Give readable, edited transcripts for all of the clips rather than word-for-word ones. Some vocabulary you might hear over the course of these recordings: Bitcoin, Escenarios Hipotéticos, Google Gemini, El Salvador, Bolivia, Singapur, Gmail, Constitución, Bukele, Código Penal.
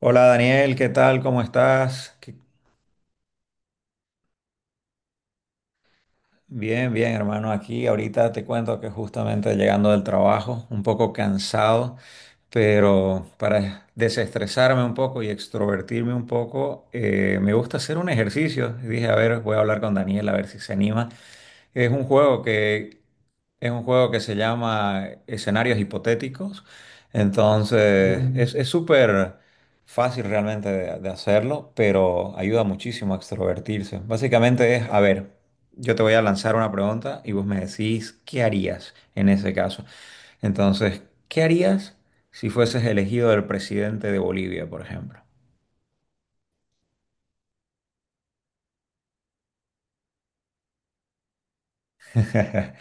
Hola Daniel, ¿qué tal? ¿Cómo estás? ¿Qué- Bien, bien, hermano. Aquí ahorita te cuento que justamente llegando del trabajo, un poco cansado, pero para desestresarme un poco y extrovertirme un poco, me gusta hacer un ejercicio. Y dije, a ver, voy a hablar con Daniel a ver si se anima. Es un juego que es un juego que se llama Escenarios Hipotéticos. Entonces, es súper fácil realmente de hacerlo, pero ayuda muchísimo a extrovertirse. Básicamente es, a ver, yo te voy a lanzar una pregunta y vos me decís qué harías en ese caso. Entonces, ¿qué harías si fueses elegido el presidente de Bolivia, por ejemplo?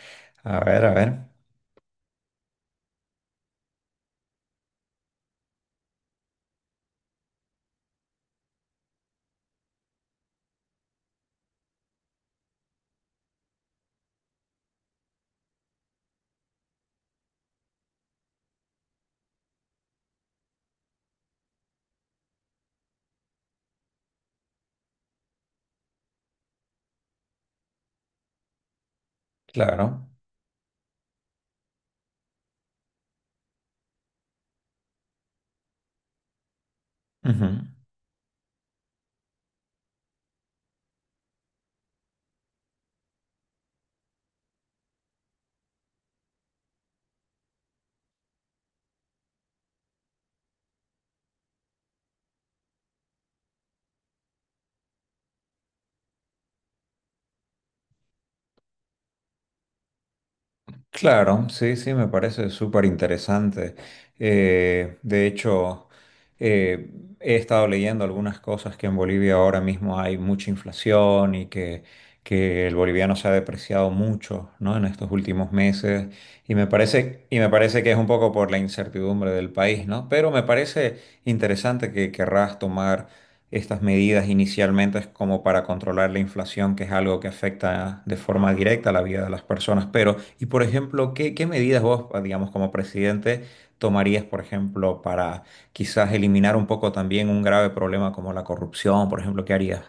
A ver, claro. Claro, sí, sí, me parece súper interesante. De hecho, eh, he estado leyendo algunas cosas que en Bolivia ahora mismo hay mucha inflación y que el boliviano se ha depreciado mucho, ¿no? En estos últimos meses. Y me parece que es un poco por la incertidumbre del país, ¿no? Pero me parece interesante que querrás tomar estas medidas inicialmente es como para controlar la inflación, que es algo que afecta de forma directa la vida de las personas. Pero, y por ejemplo, ¿qué medidas vos, digamos, como presidente, tomarías, por ejemplo, para quizás eliminar un poco también un grave problema como la corrupción? Por ejemplo, ¿qué harías?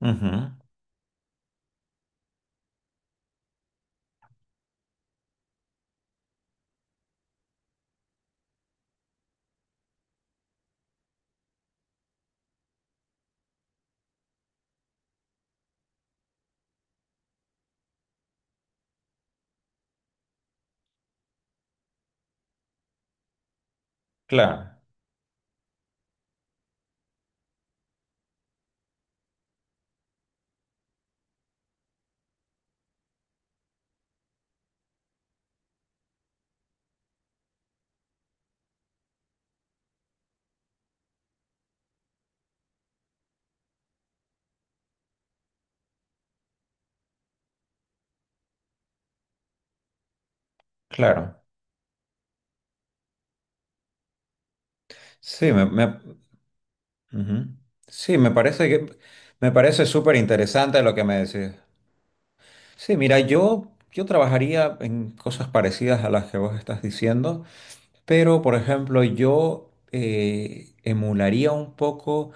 Ujú, claro, claro. Sí, ujú. Sí, me parece súper interesante lo que me decís. Sí, mira, yo trabajaría en cosas parecidas a las que vos estás diciendo. Pero, por ejemplo, yo emularía un poco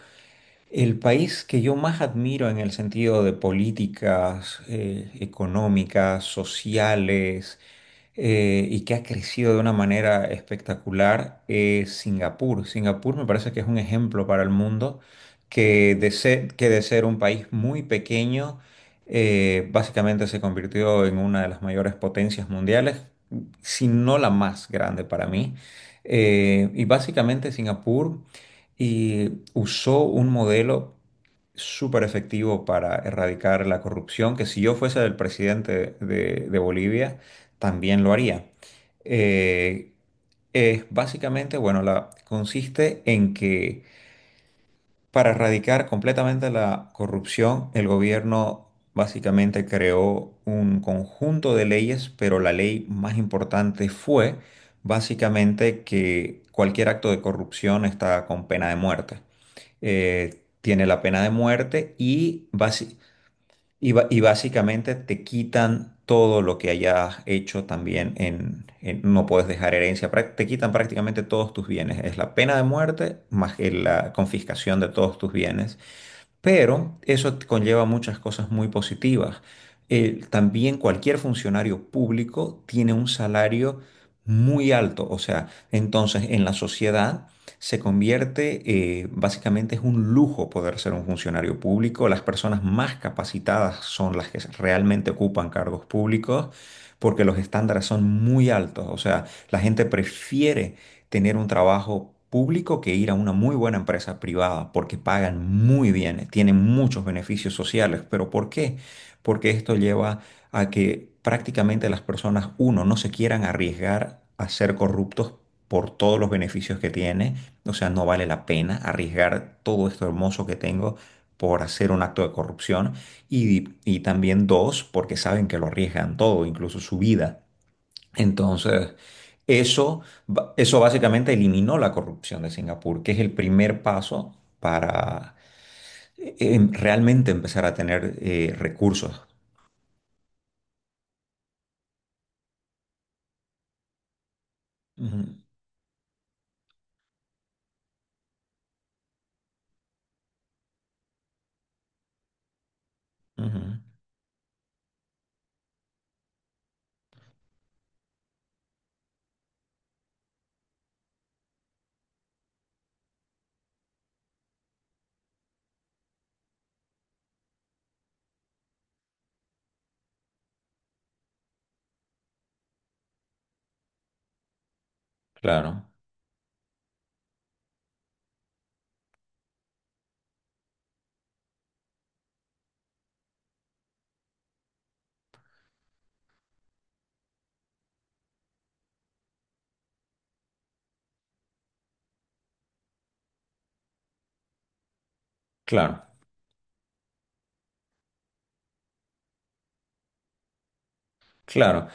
el país que yo más admiro en el sentido de políticas económicas, sociales, y que ha crecido de una manera espectacular es Singapur. Singapur me parece que es un ejemplo para el mundo que de ser un país muy pequeño, básicamente se convirtió en una de las mayores potencias mundiales, si no la más grande para mí. Y básicamente Singapur usó un modelo súper efectivo para erradicar la corrupción, que si yo fuese el presidente de Bolivia, también lo haría. Eh, es básicamente, bueno, consiste en que para erradicar completamente la corrupción, el gobierno básicamente creó un conjunto de leyes, pero la ley más importante fue básicamente que cualquier acto de corrupción está con pena de muerte. Tiene la pena de muerte y básicamente te quitan todo lo que hayas hecho también no puedes dejar herencia, te quitan prácticamente todos tus bienes. Es la pena de muerte más que la confiscación de todos tus bienes. Pero eso conlleva muchas cosas muy positivas. También cualquier funcionario público tiene un salario muy alto, o sea, entonces en la sociedad se convierte, básicamente es un lujo poder ser un funcionario público. Las personas más capacitadas son las que realmente ocupan cargos públicos porque los estándares son muy altos, o sea, la gente prefiere tener un trabajo público que ir a una muy buena empresa privada, porque pagan muy bien, tienen muchos beneficios sociales. ¿Pero por qué? Porque esto lleva a que prácticamente las personas, uno, no se quieran arriesgar a ser corruptos por todos los beneficios que tiene, o sea, no vale la pena arriesgar todo esto hermoso que tengo por hacer un acto de corrupción y también dos, porque saben que lo arriesgan todo, incluso su vida. Entonces, eso básicamente eliminó la corrupción de Singapur, que es el primer paso para realmente empezar a tener recursos. Ujú, ujú. Claro, claro, claro.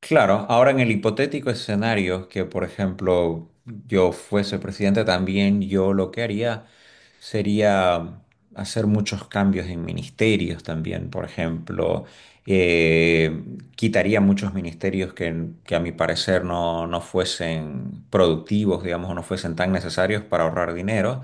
Claro, ahora en el hipotético escenario que, por ejemplo, yo fuese presidente también, yo lo que haría sería hacer muchos cambios en ministerios también, por ejemplo, eh, quitaría muchos ministerios que a mi parecer no fuesen productivos, digamos, o no fuesen tan necesarios para ahorrar dinero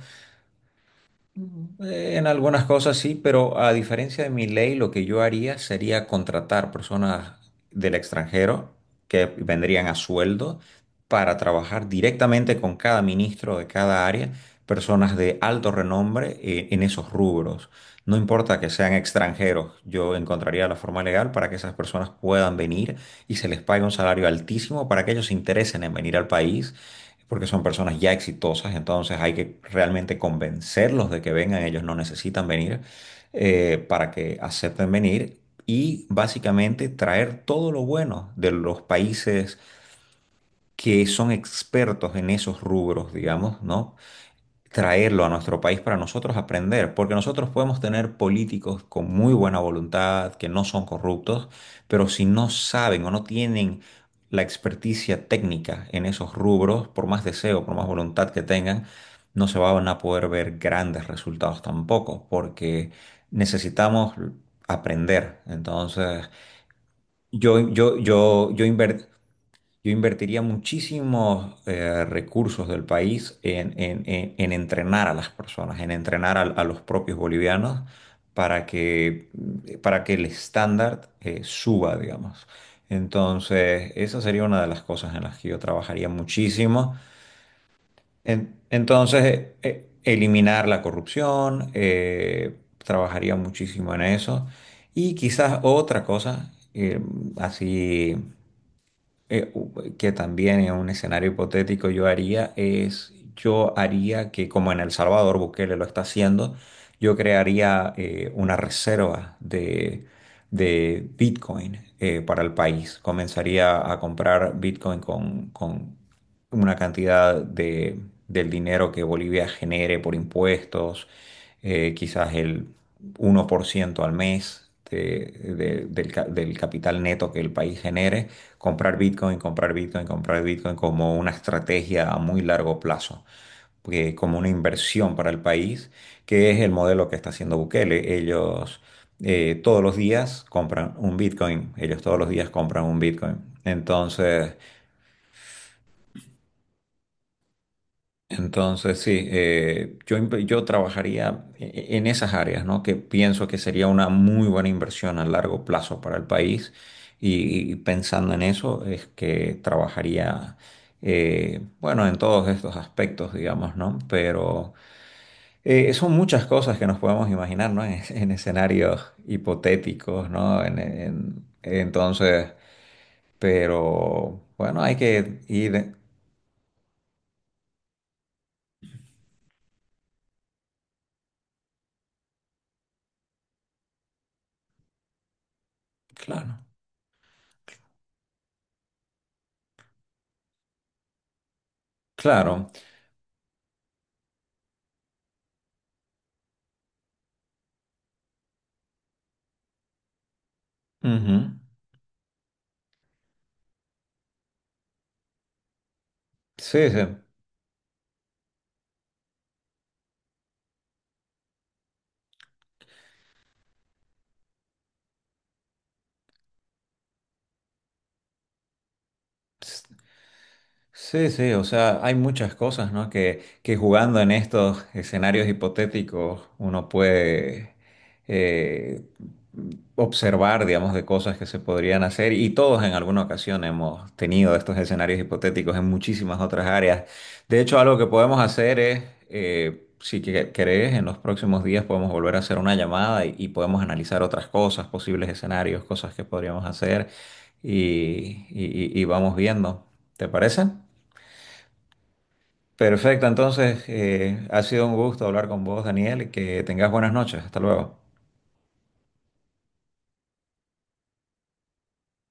en algunas cosas sí, pero a diferencia de mi ley, lo que yo haría sería contratar personas del extranjero que vendrían a sueldo para trabajar directamente con cada ministro de cada área, personas de alto renombre en esos rubros. No importa que sean extranjeros, yo encontraría la forma legal para que esas personas puedan venir y se les pague un salario altísimo para que ellos se interesen en venir al país porque son personas ya exitosas, entonces hay que realmente convencerlos de que vengan, ellos no necesitan venir para que acepten venir y básicamente traer todo lo bueno de los países que son expertos en esos rubros, digamos, ¿no? Traerlo a nuestro país para nosotros aprender, porque nosotros podemos tener políticos con muy buena voluntad, que no son corruptos, pero si no saben o no tienen la experticia técnica en esos rubros, por más deseo, por más voluntad que tengan, no se van a poder ver grandes resultados tampoco, porque necesitamos aprender. Entonces, yo invertí. Yo invertiría muchísimos recursos del país en entrenar a las personas, en entrenar a los propios bolivianos para que, para que el estándar suba, digamos. Entonces, esa sería una de las cosas en las que yo trabajaría muchísimo. Entonces, eliminar la corrupción, trabajaría muchísimo en eso. Y quizás otra cosa, así que también en un escenario hipotético yo haría es, yo haría que como en El Salvador Bukele lo está haciendo, yo crearía una reserva de Bitcoin para el país. Comenzaría a comprar Bitcoin con una cantidad del dinero que Bolivia genere por impuestos, quizás el 1% al mes del, del capital neto que el país genere, comprar Bitcoin, comprar Bitcoin, comprar Bitcoin como una estrategia a muy largo plazo, porque como una inversión para el país, que es el modelo que está haciendo Bukele. Ellos todos los días compran un Bitcoin, ellos todos los días compran un Bitcoin. Entonces, Entonces, sí, yo trabajaría en esas áreas, ¿no? Que pienso que sería una muy buena inversión a largo plazo para el país. Y pensando en eso, es que trabajaría, bueno, en todos estos aspectos, digamos, ¿no? Pero son muchas cosas que nos podemos imaginar, ¿no? En escenarios hipotéticos, ¿no? Entonces, pero bueno, hay que ir, claro, claro. Ujú, sí, sí. Pues, sí, sí, o sea, hay muchas cosas, ¿no? Que jugando en estos escenarios hipotéticos uno puede eh, observar, digamos, de cosas que se podrían hacer y todos en alguna ocasión hemos tenido estos escenarios hipotéticos en muchísimas otras áreas. De hecho, algo que podemos hacer es, si querés, en los próximos días podemos volver a hacer una llamada y podemos analizar otras cosas, posibles escenarios, cosas que podríamos hacer y vamos viendo. ¿Te parece? Perfecto, entonces ha sido un gusto hablar con vos, Daniel, y que tengas buenas noches. Hasta luego.